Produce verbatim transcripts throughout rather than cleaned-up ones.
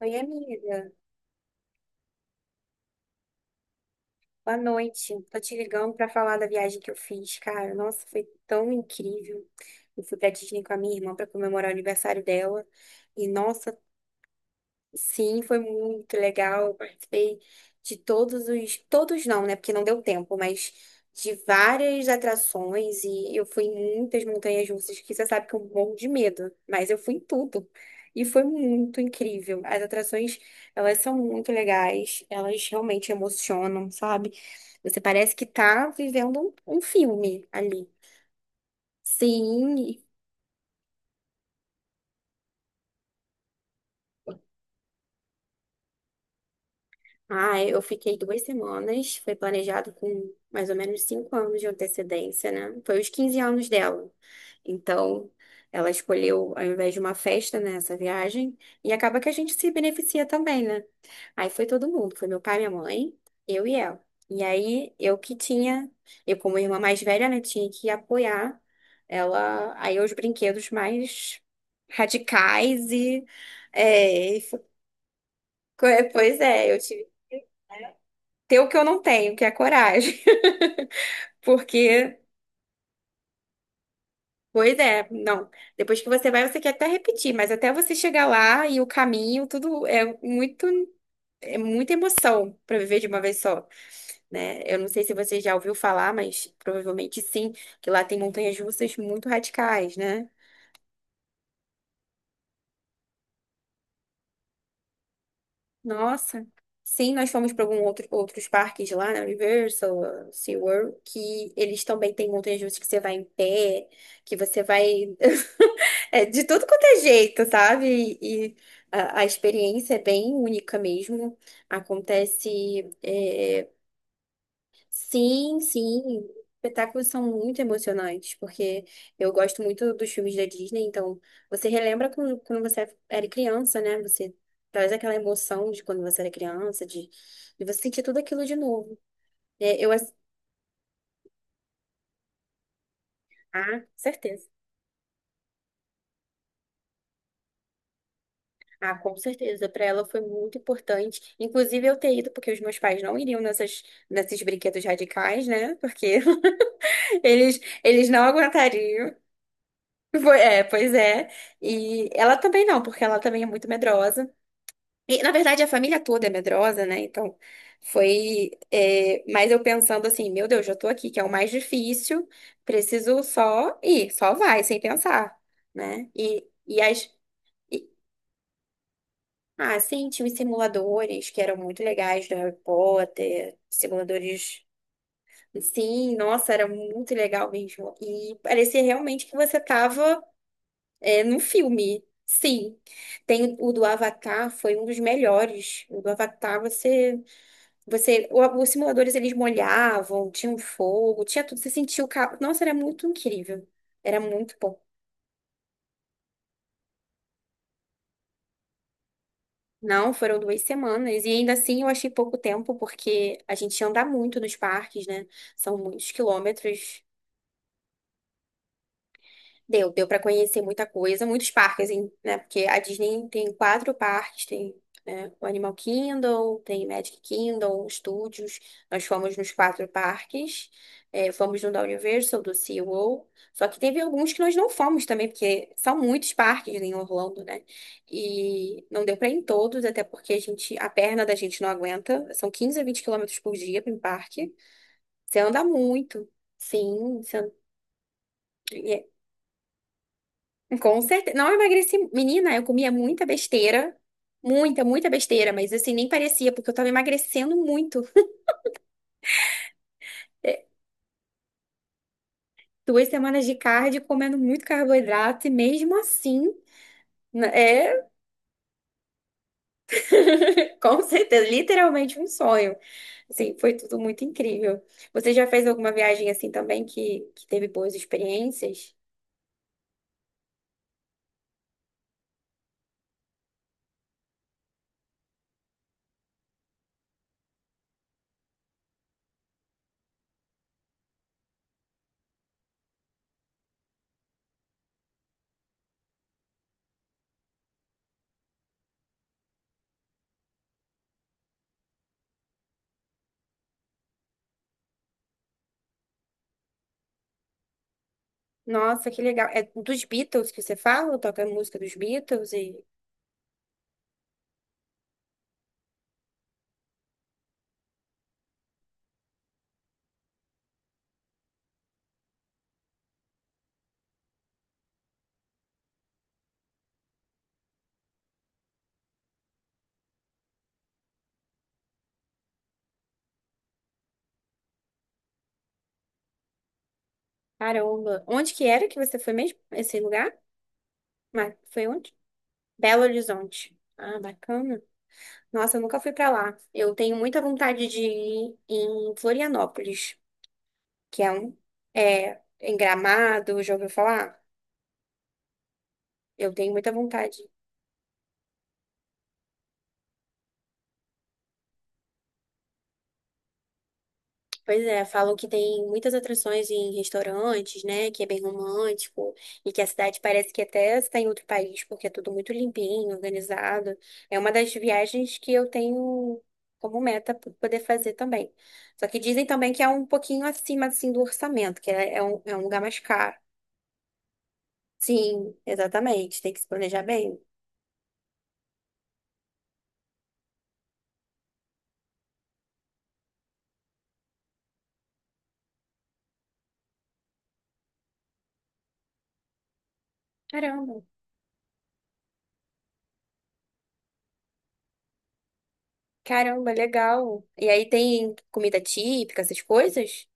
Oi, amiga. Boa noite. Tô te ligando pra falar da viagem que eu fiz, cara. Nossa, foi tão incrível. Eu fui pra Disney com a minha irmã pra comemorar o aniversário dela. E nossa, sim, foi muito legal. Participei de todos os. Todos não, né? Porque não deu tempo, mas de várias atrações. E eu fui em muitas montanhas russas, que você sabe que eu morro de medo. Mas eu fui em tudo. E foi muito incrível. As atrações, elas são muito legais. Elas realmente emocionam, sabe? Você parece que tá vivendo um, um filme ali. Sim, ah, é, eu fiquei duas semanas. Foi planejado com mais ou menos cinco anos de antecedência, né? Foi os quinze anos dela. Então, ela escolheu, ao invés de uma festa, né, essa viagem. E acaba que a gente se beneficia também, né? Aí foi todo mundo. Foi meu pai, minha mãe, eu e ela. E aí, eu que tinha, eu como irmã mais velha, né, tinha que apoiar ela aí os brinquedos mais radicais e. É, e fo- pois é, eu tive ter o que eu não tenho, que é coragem. Porque, pois é, não. Depois que você vai, você quer até repetir, mas até você chegar lá e o caminho, tudo é muito, é muita emoção para viver de uma vez só, né? Eu não sei se você já ouviu falar, mas provavelmente sim, que lá tem montanhas russas muito radicais, né? Nossa. Sim, nós fomos para algum outro, outros parques lá, né? Universal, eh, SeaWorld, que eles também têm montanhas russas que você vai em pé, que você vai. É, de tudo quanto é jeito, sabe? E, a, a experiência é bem única mesmo. Acontece. É, sim, sim. Espetáculos são muito emocionantes, porque eu gosto muito dos filmes da Disney, então você relembra quando, quando você era criança, né? Você traz aquela emoção de quando você era criança, de, de você sentir tudo aquilo de novo. É, eu, ass- ah, certeza. Ah, com certeza. Para ela foi muito importante. Inclusive eu ter ido, porque os meus pais não iriam nessas, nesses brinquedos radicais, né? Porque eles, eles não aguentariam. Foi- É, pois é. E ela também não, porque ela também é muito medrosa. E, na verdade, a família toda é medrosa, né? Então, foi. é, mas eu pensando assim, meu Deus, já tô aqui, que é o mais difícil, preciso só ir, só vai, sem pensar, né? E, e as. Ah, sim, tinha os simuladores que eram muito legais do Harry Potter, simuladores. Sim, nossa, era muito legal mesmo. E parecia realmente que você estava é, num filme. Sim. Tem o do Avatar, foi um dos melhores. O do Avatar, você, você, o- os simuladores eles molhavam, tinha um fogo, tinha tudo, você sentia o carro. Nossa, era muito incrível. Era muito bom. Não, foram duas semanas. E ainda assim eu achei pouco tempo, porque a gente anda muito nos parques, né? São muitos quilômetros. Deu, deu para conhecer muita coisa, muitos parques, hein, né? Porque a Disney tem quatro parques, tem, né, o Animal Kingdom, tem Magic Kingdom, Studios. Nós fomos nos quatro parques, é, fomos no da Universal, do SeaWorld. Só que teve alguns que nós não fomos também, porque são muitos parques em Orlando, né? E não deu para ir em todos, até porque a gente, a perna da gente não aguenta. São quinze a vinte quilômetros por dia para um parque. Você anda muito. Sim, você- Com certeza. Não, eu emagreci. Menina, eu comia muita besteira. Muita, muita besteira, mas assim, nem parecia, porque eu tava emagrecendo muito. É, duas semanas de cardio, comendo muito carboidrato, e mesmo assim, n- é, com certeza, literalmente um sonho. Assim, foi tudo muito incrível. Você já fez alguma viagem assim também que, que teve boas experiências? Nossa, que legal. É dos Beatles que você fala? Toca música dos Beatles e. Caramba. Onde que era que você foi mesmo? Esse lugar? Mas foi onde? Belo Horizonte. Ah, bacana. Nossa, eu nunca fui pra lá. Eu tenho muita vontade de ir em Florianópolis, que é um. É, em Gramado, já ouviu falar? Eu tenho muita vontade. Pois é, falam que tem muitas atrações em restaurantes, né? Que é bem romântico e que a cidade parece que até está em outro país, porque é tudo muito limpinho, organizado. É uma das viagens que eu tenho como meta p- poder fazer também. Só que dizem também que é um pouquinho acima assim do orçamento, que é, é um, é um lugar mais caro. Sim, exatamente. Tem que se planejar bem. Caramba, caramba, legal. E aí tem comida típica, essas coisas?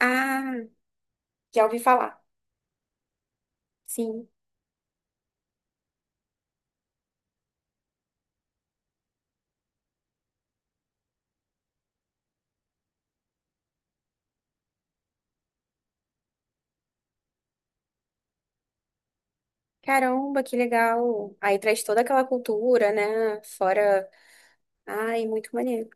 Ah, já ouvi falar. Sim. Caramba, que legal. Aí traz toda aquela cultura, né? Fora. Ai, muito maneiro.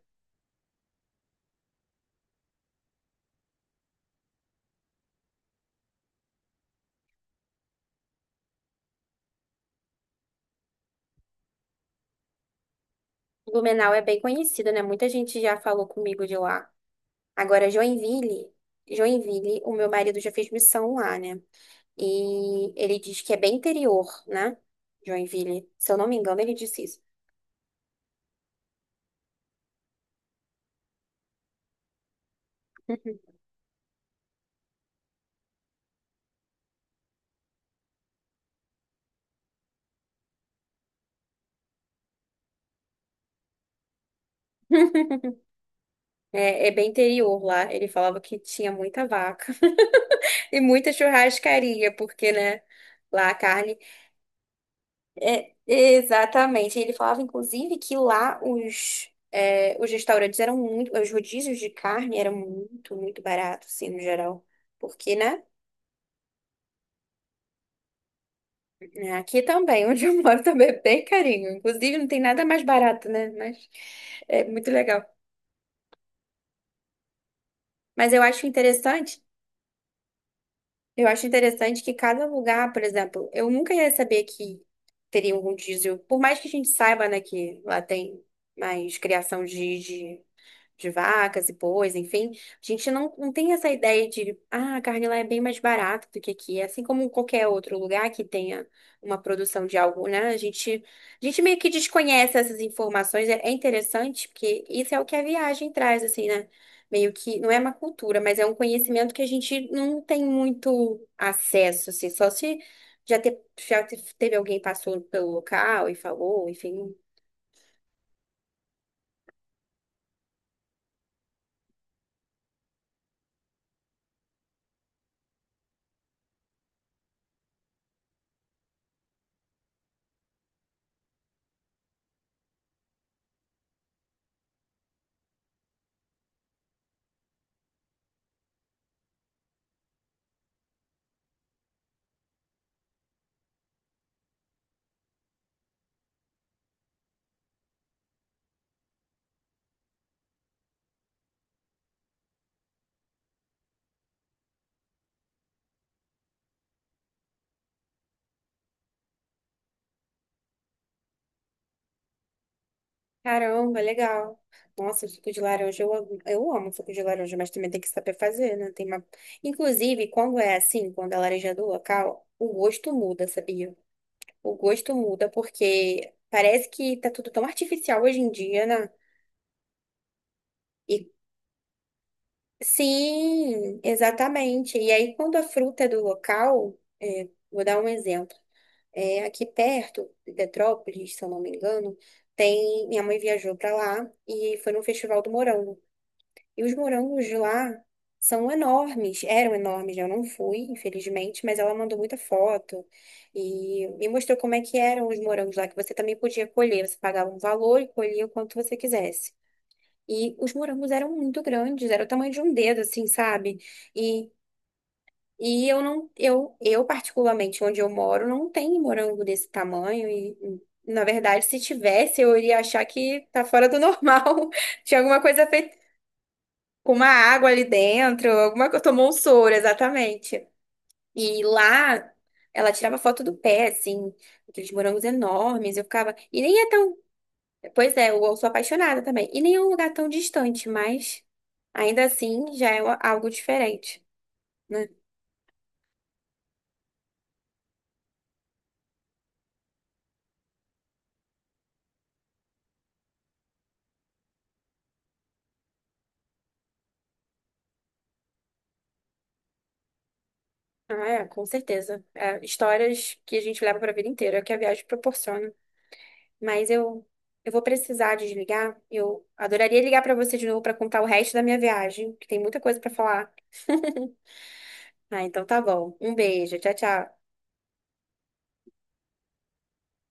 Blumenau é bem conhecido, né? Muita gente já falou comigo de lá. Agora, Joinville. Joinville, o meu marido já fez missão lá, né? E ele diz que é bem interior, né? Joinville. Se eu não me engano, ele disse isso. É, é bem interior lá. Ele falava que tinha muita vaca e muita churrascaria, porque, né? Lá a carne. É, exatamente. Ele falava, inclusive, que lá os, é, os restaurantes eram muito, os rodízios de carne eram muito, muito baratos, assim, no geral. Porque, né? Né, aqui também, onde eu moro, também é bem carinho. Inclusive, não tem nada mais barato, né? Mas é muito legal. Mas eu acho interessante, eu acho interessante que cada lugar, por exemplo, eu nunca ia saber que teria um rodízio. Por mais que a gente saiba, né, que lá tem mais criação de, de de vacas e bois, enfim, a gente não, não tem essa ideia de, ah, a carne lá é bem mais barata do que aqui, assim como qualquer outro lugar que tenha uma produção de algo, né? A gente, a gente meio que desconhece essas informações, é, é interessante, porque isso é o que a viagem traz, assim, né? Meio que, não é uma cultura, mas é um conhecimento que a gente não tem muito acesso, assim, só se já, te, já te- teve alguém passou pelo local e falou, enfim, caramba, legal. Nossa, suco de laranja, eu, amo- eu amo suco de laranja, mas também tem que saber fazer, né? Tem uma... Inclusive, quando é assim, quando a laranja é do local, o gosto muda, sabia? O gosto muda porque parece que tá tudo tão artificial hoje em dia, né? E sim, exatamente. E aí, quando a fruta é do local, é, vou dar um exemplo. É, aqui perto, em Petrópolis, se eu não me engano, tem... Minha mãe viajou pra lá e foi no festival do morango. E os morangos de lá são enormes, eram enormes, né? Eu não fui, infelizmente, mas ela mandou muita foto e me mostrou como é que eram os morangos lá, que você também podia colher, você pagava um valor e colhia o quanto você quisesse. E os morangos eram muito grandes, era o tamanho de um dedo, assim, sabe? E, e eu não, eu, eu particularmente, onde eu moro, não tem morango desse tamanho e, na verdade, se tivesse, eu iria achar que tá fora do normal. Tinha alguma coisa com uma água ali dentro, alguma coisa, tomou um soro, exatamente. E lá ela tirava foto do pé, assim, aqueles morangos enormes, eu ficava. E nem é tão. Pois é, eu sou apaixonada também. E nem é um lugar tão distante, mas ainda assim já é algo diferente. Né? Ah, é, com certeza. É, histórias que a gente leva para a vida inteira, é o que a viagem proporciona. Mas eu, eu vou precisar desligar. Eu adoraria ligar para você de novo para contar o resto da minha viagem, que tem muita coisa para falar. Ah, então tá bom. Um beijo. Tchau, tchau.